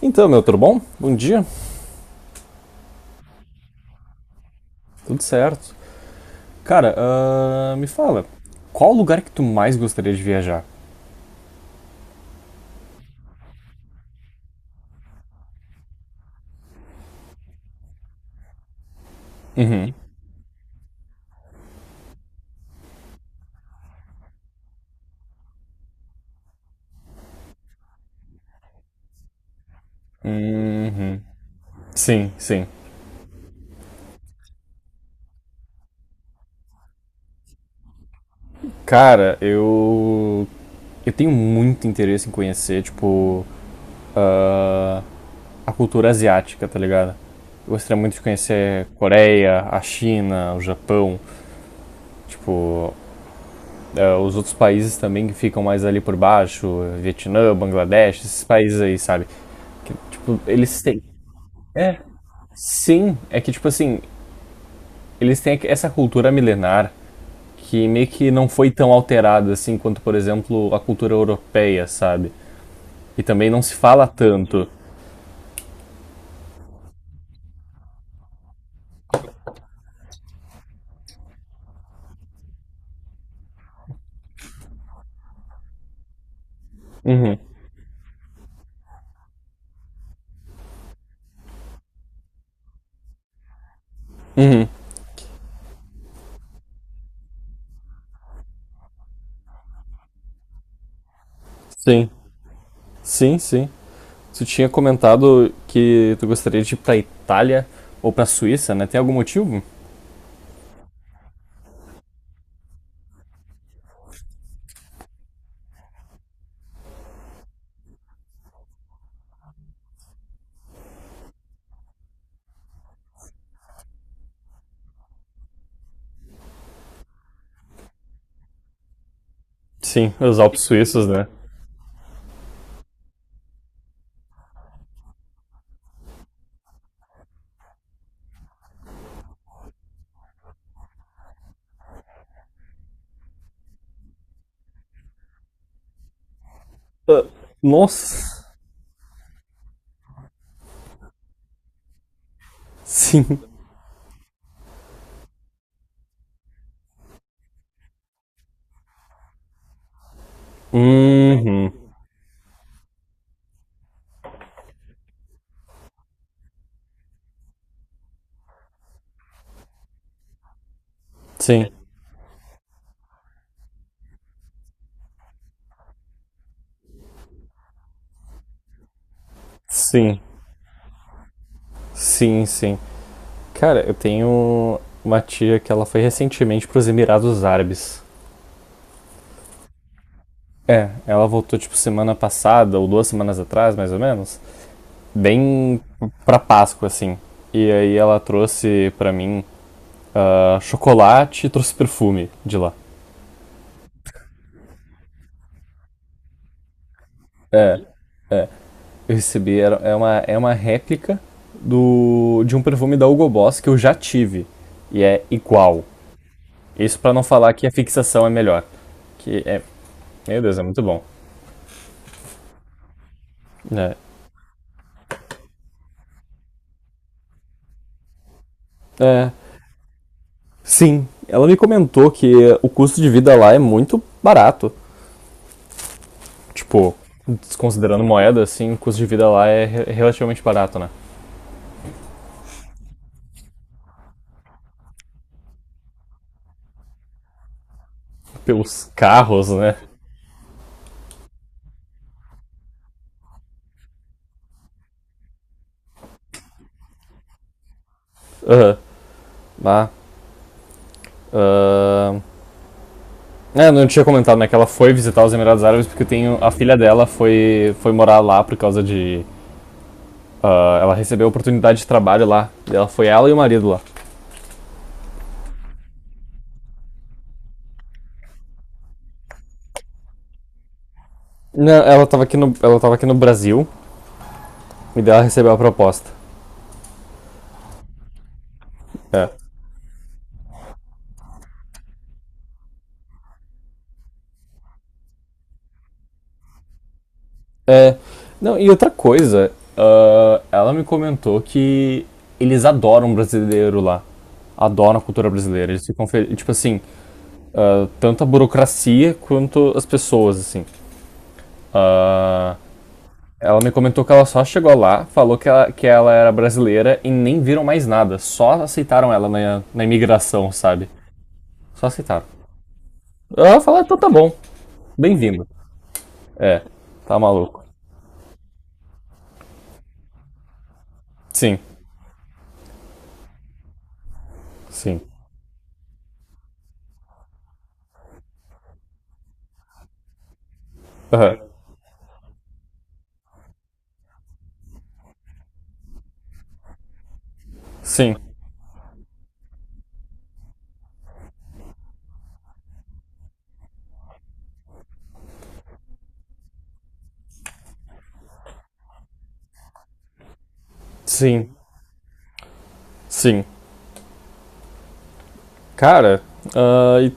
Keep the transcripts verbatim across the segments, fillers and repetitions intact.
Então, meu, tudo bom? Bom dia, tudo certo. Cara, ahn, me fala, qual o lugar que tu mais gostaria de viajar? Uhum. Uhum. Sim, sim. Cara, eu. Eu tenho muito interesse em conhecer, tipo. ah, a cultura asiática, tá ligado? Eu gostaria muito de conhecer Coreia, a China, o Japão, tipo, eh, os outros países também que ficam mais ali por baixo, Vietnã, Bangladesh, esses países aí, sabe? Tipo, eles têm. É, sim. É que, tipo assim, eles têm essa cultura milenar que meio que não foi tão alterada assim quanto, por exemplo, a cultura europeia, sabe? E também não se fala tanto. Uhum. Sim, sim, sim. Tu tinha comentado que tu gostaria de ir pra Itália ou pra Suíça, né? Tem algum motivo? Sim, os Alpes suíços, né? Ah, nossa! Sim. Uhum. Sim, sim, sim, sim. Cara, eu tenho uma tia que ela foi recentemente para os Emirados Árabes. É, ela voltou tipo semana passada ou duas semanas atrás, mais ou menos, bem pra Páscoa assim. E aí ela trouxe pra mim ah, chocolate e trouxe perfume de lá. É, eu recebi era, é uma é uma réplica do de um perfume da Hugo Boss que eu já tive e é igual. Isso pra não falar que a fixação é melhor, que é, meu Deus, é muito bom. É. É, sim, ela me comentou que o custo de vida lá é muito barato. Tipo, desconsiderando moeda, assim, o custo de vida lá é re- relativamente barato, né? Pelos carros, né? Aham, lá. Ahn. É, não tinha comentado, né? Que ela foi visitar os Emirados Árabes porque tem a filha dela foi, foi morar lá por causa de. Ah, ela recebeu oportunidade de trabalho lá. E ela foi ela e o marido lá. Não, ela tava aqui no, ela tava aqui no Brasil e daí ela recebeu a proposta. É. Não, e outra coisa, ah, ela me comentou que eles adoram um brasileiro lá. Adoram a cultura brasileira. Eles ficam felizes. Tipo assim, ah, tanto a burocracia quanto as pessoas, assim. Ela me comentou que ela só chegou lá, falou que ela, que ela era brasileira e nem viram mais nada. Só aceitaram ela na, na imigração, sabe? Só aceitaram. Ela falou, então tá bom. Bem-vindo. É, tá maluco. Sim, sim. Aham. Sim, sim, sim. Cara, ah, e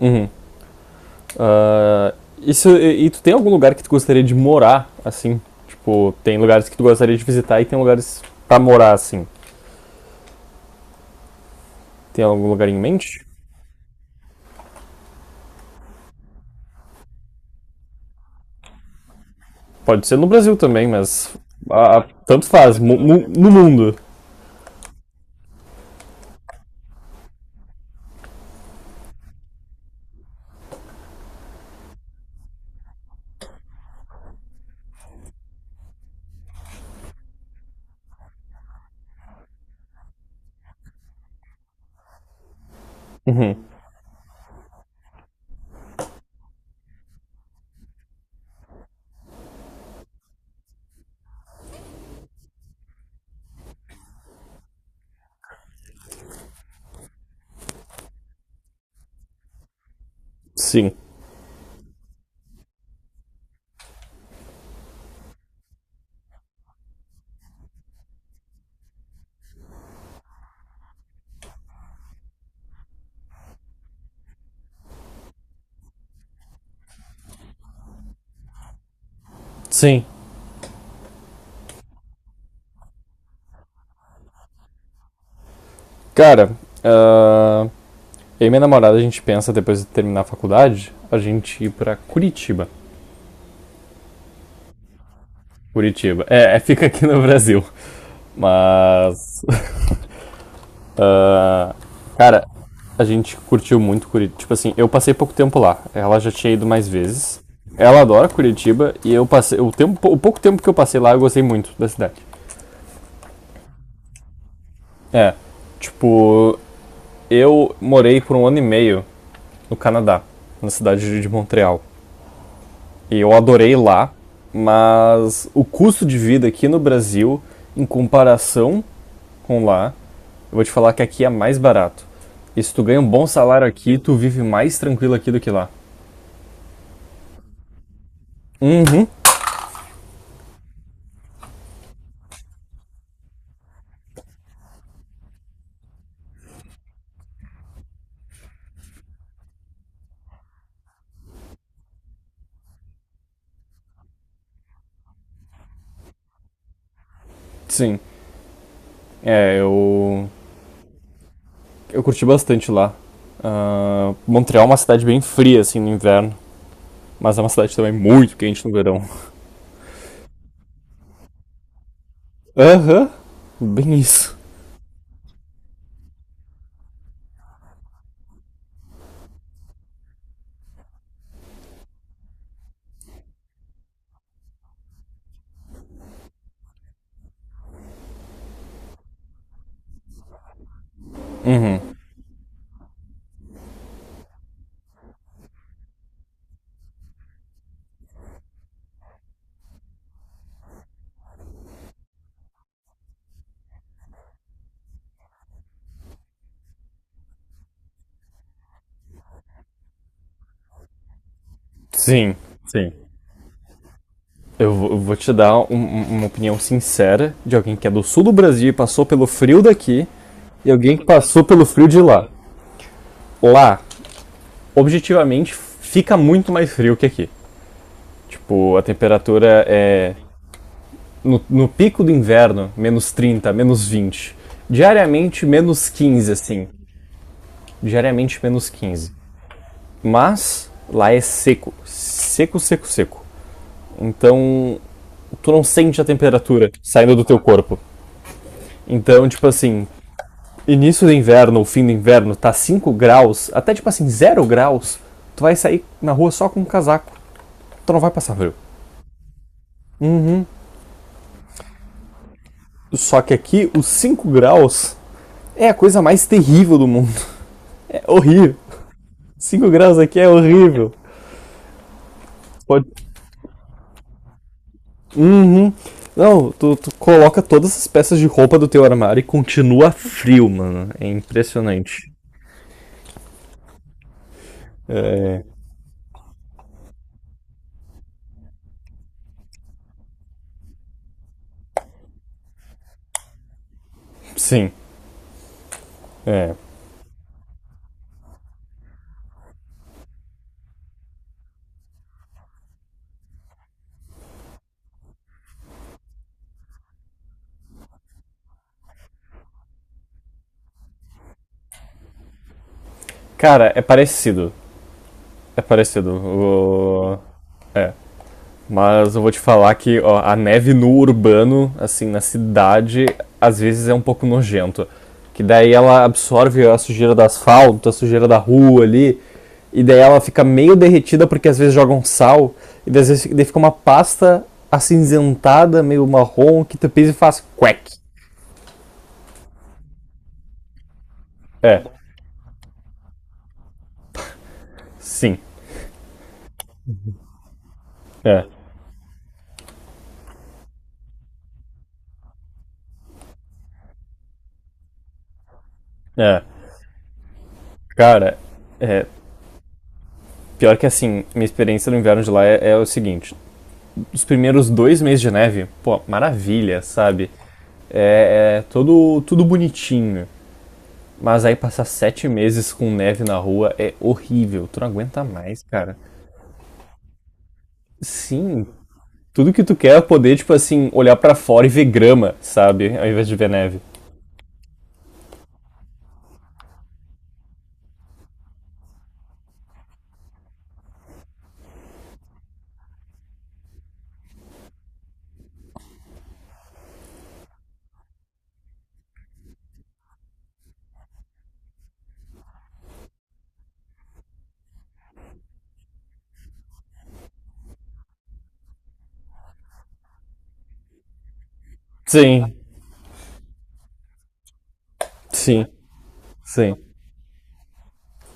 uhum. Ah, isso, e, e tu tem algum lugar que tu gostaria de morar, assim? Tipo, tem lugares que tu gostaria de visitar e tem lugares pra morar, assim. Tem algum lugar em mente? Pode ser no Brasil também, mas ah, tanto faz. mu- mu- no mundo. Sim. Sim. Cara, ah, eu e minha namorada, a gente pensa, depois de terminar a faculdade, a gente ir pra Curitiba. Curitiba. É, é, fica aqui no Brasil. Mas Ah, cara, a gente curtiu muito Curitiba. Tipo assim, eu passei pouco tempo lá. Ela já tinha ido mais vezes. Ela adora Curitiba e eu passei. O, tempo, o pouco tempo que eu passei lá, eu gostei muito da cidade. É. Tipo, eu morei por um ano e meio no Canadá, na cidade de Montreal. E eu adorei lá, mas o custo de vida aqui no Brasil, em comparação com lá, eu vou te falar que aqui é mais barato. E se tu ganha um bom salário aqui, tu vive mais tranquilo aqui do que lá. Uhum, sim. É, eu, eu curti bastante lá. Ah, Montreal é uma cidade bem fria, assim, no inverno. Mas é uma cidade também muito quente no verão. Aham, uhum, bem isso. Sim, sim. Eu vou eu vou te dar um- um- uma opinião sincera de alguém que é do sul do Brasil e passou pelo frio daqui e alguém que passou pelo frio de lá. Lá, objetivamente fica muito mais frio que aqui. Tipo, a temperatura é no, no pico do inverno, menos trinta, menos vinte. Diariamente, menos quinze assim. Diariamente, menos quinze. Mas lá é seco. Seco, seco, seco. Então, tu não sente a temperatura saindo do teu corpo. Então, tipo assim, início do inverno ou fim do inverno tá cinco graus, até tipo assim, zero graus, tu vai sair na rua só com um casaco. Tu não vai passar frio. Só que aqui, os cinco graus é a coisa mais terrível do mundo. É horrível. Cinco graus aqui é horrível. Pode. Uhum. Não, tu, tu coloca todas as peças de roupa do teu armário e continua frio, mano. É impressionante. É. Sim. É. Cara, é parecido. É parecido. O. É. Mas eu vou te falar que ó, a neve no urbano, assim, na cidade, às vezes é um pouco nojento. Que daí ela absorve a sujeira do asfalto, a sujeira da rua ali, e daí ela fica meio derretida porque às vezes jogam sal, e daí às vezes daí fica uma pasta acinzentada, meio marrom, que tu pisa e faz quack. É, sim, é, é. Cara, é, pior que assim, minha experiência no inverno de lá é, é o seguinte: os primeiros dois meses de neve, pô, maravilha, sabe? É, é todo, tudo bonitinho. Né? Mas aí passar sete meses com neve na rua é horrível. Tu não aguenta mais, cara. Sim, tudo que tu quer é poder, tipo assim, olhar pra fora e ver grama, sabe? Ao invés de ver neve. Sim, sim, sim,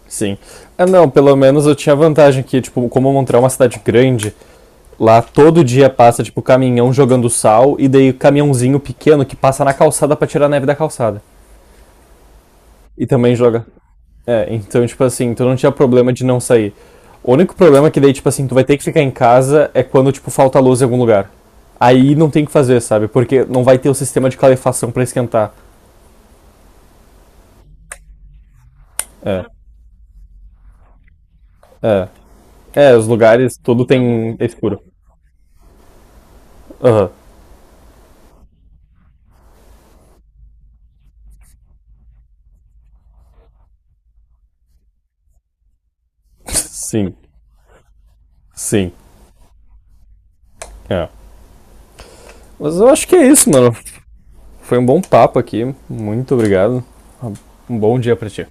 sim. Ah, não, pelo menos eu tinha vantagem que, tipo, como Montreal é uma cidade grande, lá todo dia passa, tipo, caminhão jogando sal e daí caminhãozinho pequeno que passa na calçada pra tirar a neve da calçada. E também joga. É, então, tipo assim, tu não tinha problema de não sair. O único problema é que daí, tipo assim, tu vai ter que ficar em casa é quando, tipo, falta luz em algum lugar. Aí não tem o que fazer, sabe? Porque não vai ter o sistema de calefação pra esquentar. É, é. É, os lugares, tudo tem é escuro. Aham. Sim, sim. É. Mas eu acho que é isso, mano. Foi um bom papo aqui. Muito obrigado. Um bom dia pra ti.